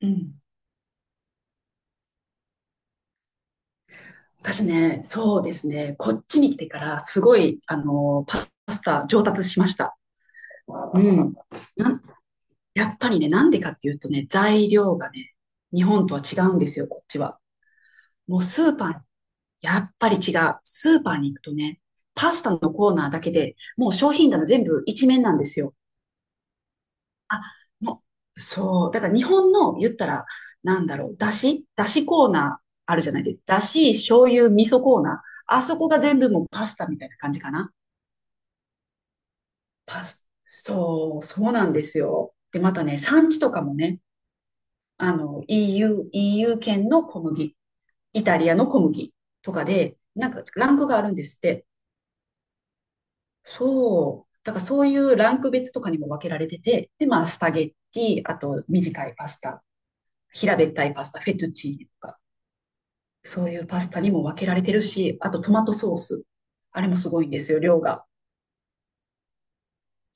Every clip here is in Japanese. うん。私ね、そうですね。こっちに来てから、すごい、パスタ上達しました。うん。なん、やっぱりね、なんでかっていうとね、材料がね、日本とは違うんですよ、こっちは。もうスーパー、やっぱり違う。スーパーに行くとね、パスタのコーナーだけでもう商品棚全部一面なんですよ。あ、もう、そう。だから日本の言ったら、なんだろう、だしコーナーあるじゃないですか。だし、醤油、味噌コーナー。あそこが全部もうパスタみたいな感じかな。そう、そうなんですよ。で、またね、産地とかもね、EU 圏の小麦、イタリアの小麦とかで、なんかランクがあるんですって。そう。だからそういうランク別とかにも分けられてて、で、まあ、スパゲッティ、あと短いパスタ平べったいパスタ、フェトゥチーネとか、そういうパスタにも分けられてるし、あとトマトソース。あれもすごいんですよ、量が。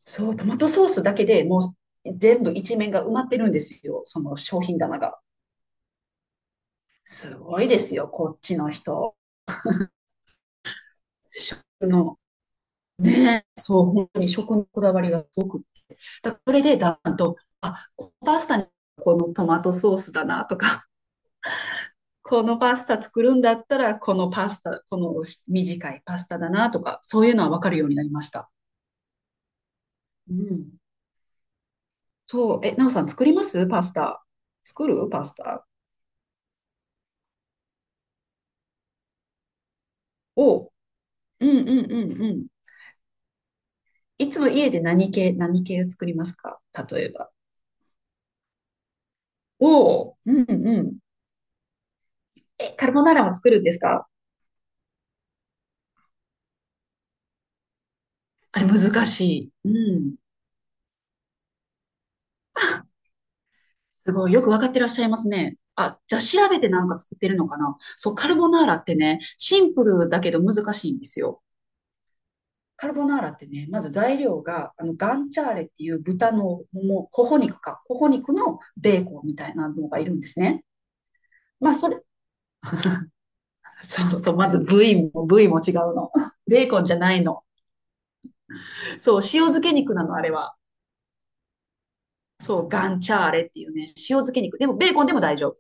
そう、トマトソースだけでもう全部一面が埋まってるんですよ、その商品棚が。すごいですよ、こっちの人。食の、ね、そう、本当に食のこだわりがすごく。だからそれでだんだんと、あ、このパスタにこのトマトソースだなとか、このパスタ作るんだったら、このパスタ、この短いパスタだなとか、そういうのはわかるようになりました。うん。そう。え、なおさん作りますパスタ？作るパスタ。をう。んうんうんうん。いつも家で何系を作りますか？例えば。おう。うんうん。え、カルボナーラも作るんですか？あれ難しい。うん。すごい。よくわかってらっしゃいますね。あ、じゃあ調べてなんか作ってるのかな。そう、カルボナーラってね、シンプルだけど難しいんですよ。カルボナーラってね、まず材料が、ガンチャーレっていう豚のもも、頬肉か、頬肉のベーコンみたいなのがいるんですね。まあ、それ、そうそう、まず部位も違うの。ベーコンじゃないの。そう、塩漬け肉なの、あれは。そう、ガンチャーレっていうね、塩漬け肉。でも、ベーコンでも大丈夫。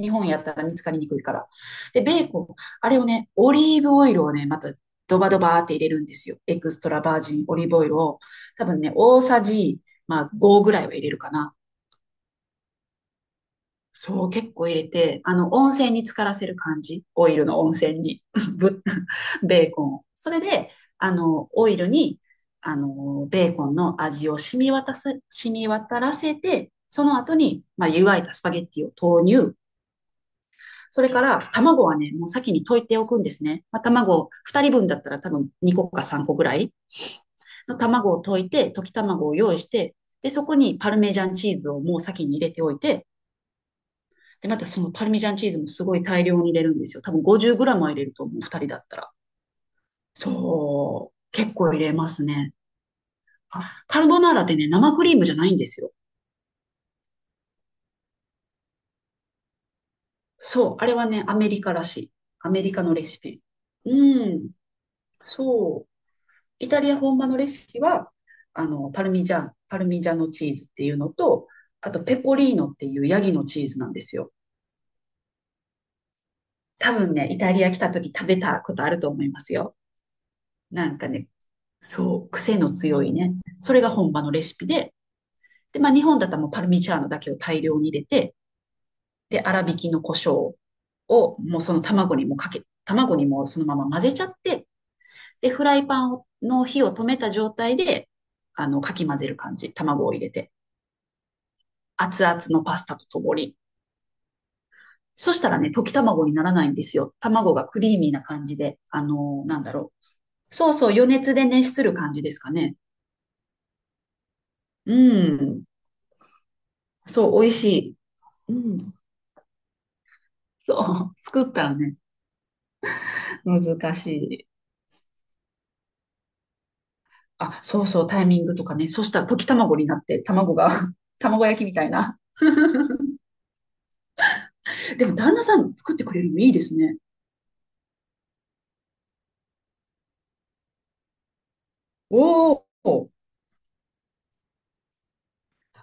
日本やったら見つかりにくいから。で、ベーコン、あれをね、オリーブオイルをね、またドバドバーって入れるんですよ。エクストラバージンオリーブオイルを。多分ね、大さじ、まあ、5ぐらいは入れるかな。そう、結構入れて、温泉に浸からせる感じ。オイルの温泉に。ぶベーコンを。それで、オイルに、ベーコンの味を染み渡らせて、その後に、まあ、湯がいたスパゲッティを投入。それから、卵はね、もう先に溶いておくんですね。まあ、卵を、二人分だったら多分2個か3個ぐらいの卵を溶いて、溶き卵を用意して、で、そこにパルメジャンチーズをもう先に入れておいて、で、またそのパルミジャンチーズもすごい大量に入れるんですよ。多分 50g は入れると思う、2人だったら。そう。結構入れますね。あ、カルボナーラってね、生クリームじゃないんですよ。そう。あれはね、アメリカらしい。アメリカのレシピ。うん。そう。イタリア本場のレシピは、パルミジャノチーズっていうのと、あとペコリーノっていうヤギのチーズなんですよ。多分ね、イタリア来た時食べたことあると思いますよ。なんかね、そう、癖の強いね。それが本場のレシピで、で、まあ日本だったらもうパルミチャーノだけを大量に入れて、で、粗挽きの胡椒をもうその卵にもそのまま混ぜちゃって、で、フライパンをの火を止めた状態で、かき混ぜる感じ。卵を入れて。熱々のパスタとともに。そしたらね、溶き卵にならないんですよ。卵がクリーミーな感じで、なんだろう。そうそう、余熱で熱する感じですかね。うん。そう、美味しい。うん。そう。作ったらね、難しい。あ、そうそう、タイミングとかね。そしたら溶き卵になって、卵が、卵焼きみたいな。でも、旦那さん作ってくれるのいいですね。おお。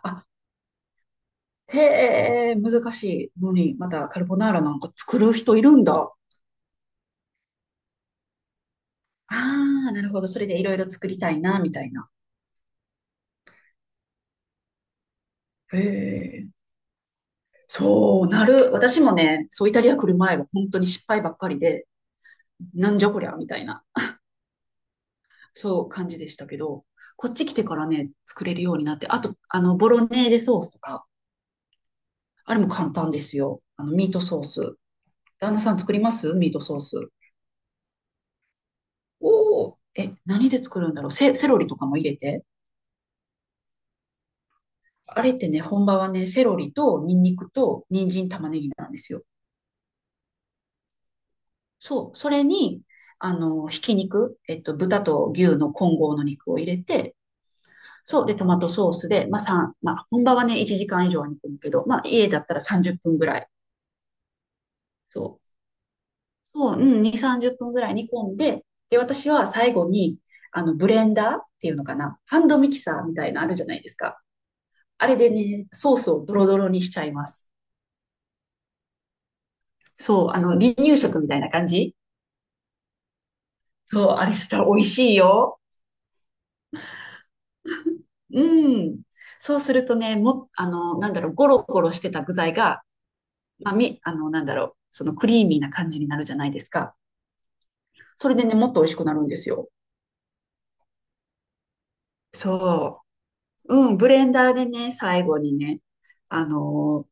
あ、へえ、難しいのに、またカルボナーラなんか作る人いるんだ。ああ、なるほど。それでいろいろ作りたいな、みたいな。へえ。そうなる。私もね、そうイタリア来る前は本当に失敗ばっかりで、なんじゃこりゃ、みたいな。そう感じでしたけど、こっち来てからね、作れるようになって、あと、ボロネーゼソースとか、あれも簡単ですよ。ミートソース。旦那さん作りますミートソース？おお、え、何で作るんだろう？セロリとかも入れて。あれってね、本場はね、セロリとニンニクと人参玉ねぎなんですよ。そう、それに、ひき肉、豚と牛の混合の肉を入れて、そう、で、トマトソースで、まあ、3、まあ、本場はね、1時間以上は煮込むけど、まあ、家だったら30分ぐらい、そう、そう、うん、2、30分ぐらい煮込んで、で、私は最後に、ブレンダーっていうのかな、ハンドミキサーみたいなのあるじゃないですか。あれでね、ソースをドロドロにしちゃいます。そう、離乳食みたいな感じ。そう、あれしたら美味しいよ。うん。そうするとね、なんだろう、ゴロゴロしてた具材が、まあ、なんだろう、そのクリーミーな感じになるじゃないですか。それでね、もっと美味しくなるんですよ。そう。うん、ブレンダーでね、最後にね、あの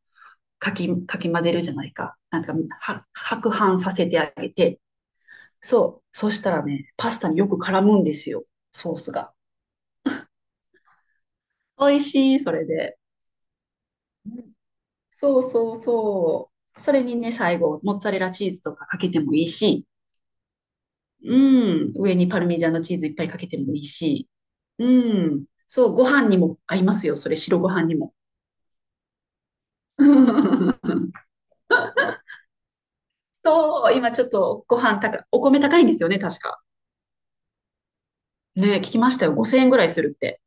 かき混ぜるじゃないか。なんか、白飯させてあげて。そう。そしたらね、パスタによく絡むんですよ。ソースが。美味しい、それで。うんそうそうそう。それにね、最後、モッツァレラチーズとかかけてもいいし、うん、上にパルミジャーノチーズいっぱいかけてもいいし、うん、そう、ご飯にも合いますよ、それ、白ご飯にも。そう、今ちょっとご飯高い、お米高いんですよね、確か。ね、聞きましたよ、5000円ぐらいするって。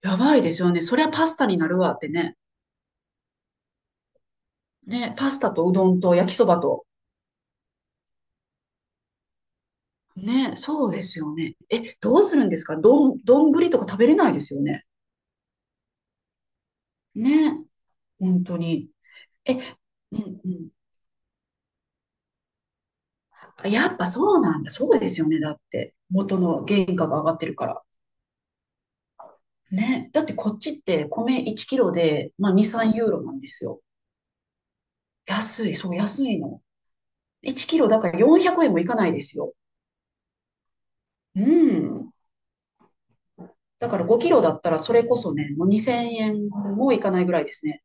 やばいですよね。そりゃパスタになるわってね。ね、パスタとうどんと焼きそばと。ね、そうですよね。え、どうするんですか？どんぶりとか食べれないですよね。ね、本当に。え、うんうん。やっぱそうなんだ。そうですよね。だって、元の原価が上がってるから。ね、だってこっちって米1キロで、まあ、2、3ユーロなんですよ。安い、そう、安いの。1キロだから400円もいかないですよ。うん。だから5キロだったらそれこそね、もう2000円もいかないぐらいですね。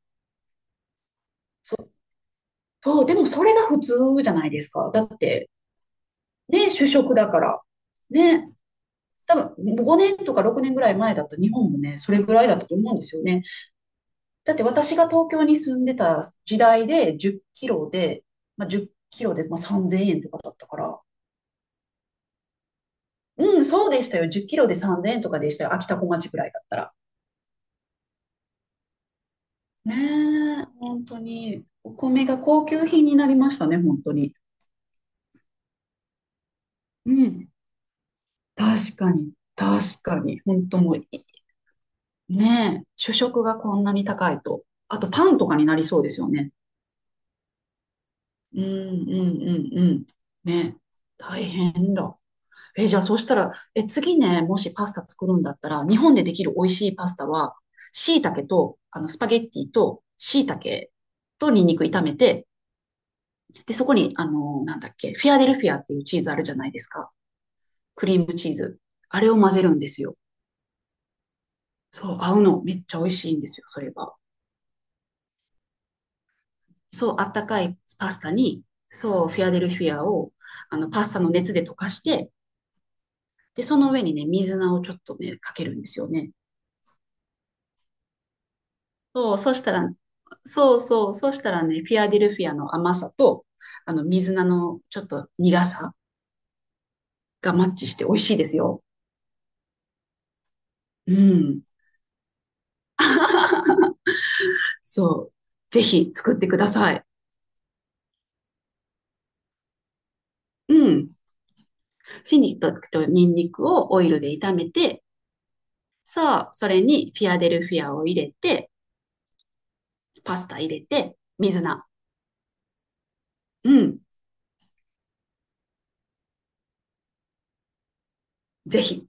そう、でもそれが普通じゃないですか。だって、ね、主食だから。ね、多分5年とか6年ぐらい前だった日本もね、それぐらいだったと思うんですよね。だって私が東京に住んでた時代で10キロで、まあ、10キロでまあ3000円とかだったから。うん、そうでしたよ。10キロで3000円とかでしたよ。秋田小町ぐらいだったら。ねえ、本当に。お米が高級品になりましたね、本当に。うん。確かに、確かに。本当もうねえ、主食がこんなに高いと。あと、パンとかになりそうですよね。うん、うん、うん、うん。ねえ、大変だ。え、じゃあ、そうしたら、え、次ね、もしパスタ作るんだったら、日本でできる美味しいパスタは、椎茸と、スパゲッティと、椎茸とニンニク炒めて、で、そこに、なんだっけ、フィアデルフィアっていうチーズあるじゃないですか。クリームチーズ。あれを混ぜるんですよ。そう、合うの。めっちゃ美味しいんですよ、それが。そう、あったかいパスタに、そう、フィアデルフィアを、パスタの熱で溶かして、で、その上にね、水菜をちょっとね、かけるんですよね。そう、そうそう、そしたらね、フィアデルフィアの甘さと、水菜のちょっと苦さがマッチして美味しいですよ。うん。そう。ぜひ作ってください。うん。春菊とニンニクをオイルで炒めて、さあ、それにフィアデルフィアを入れて、パスタ入れて、水菜。うん。ぜひ。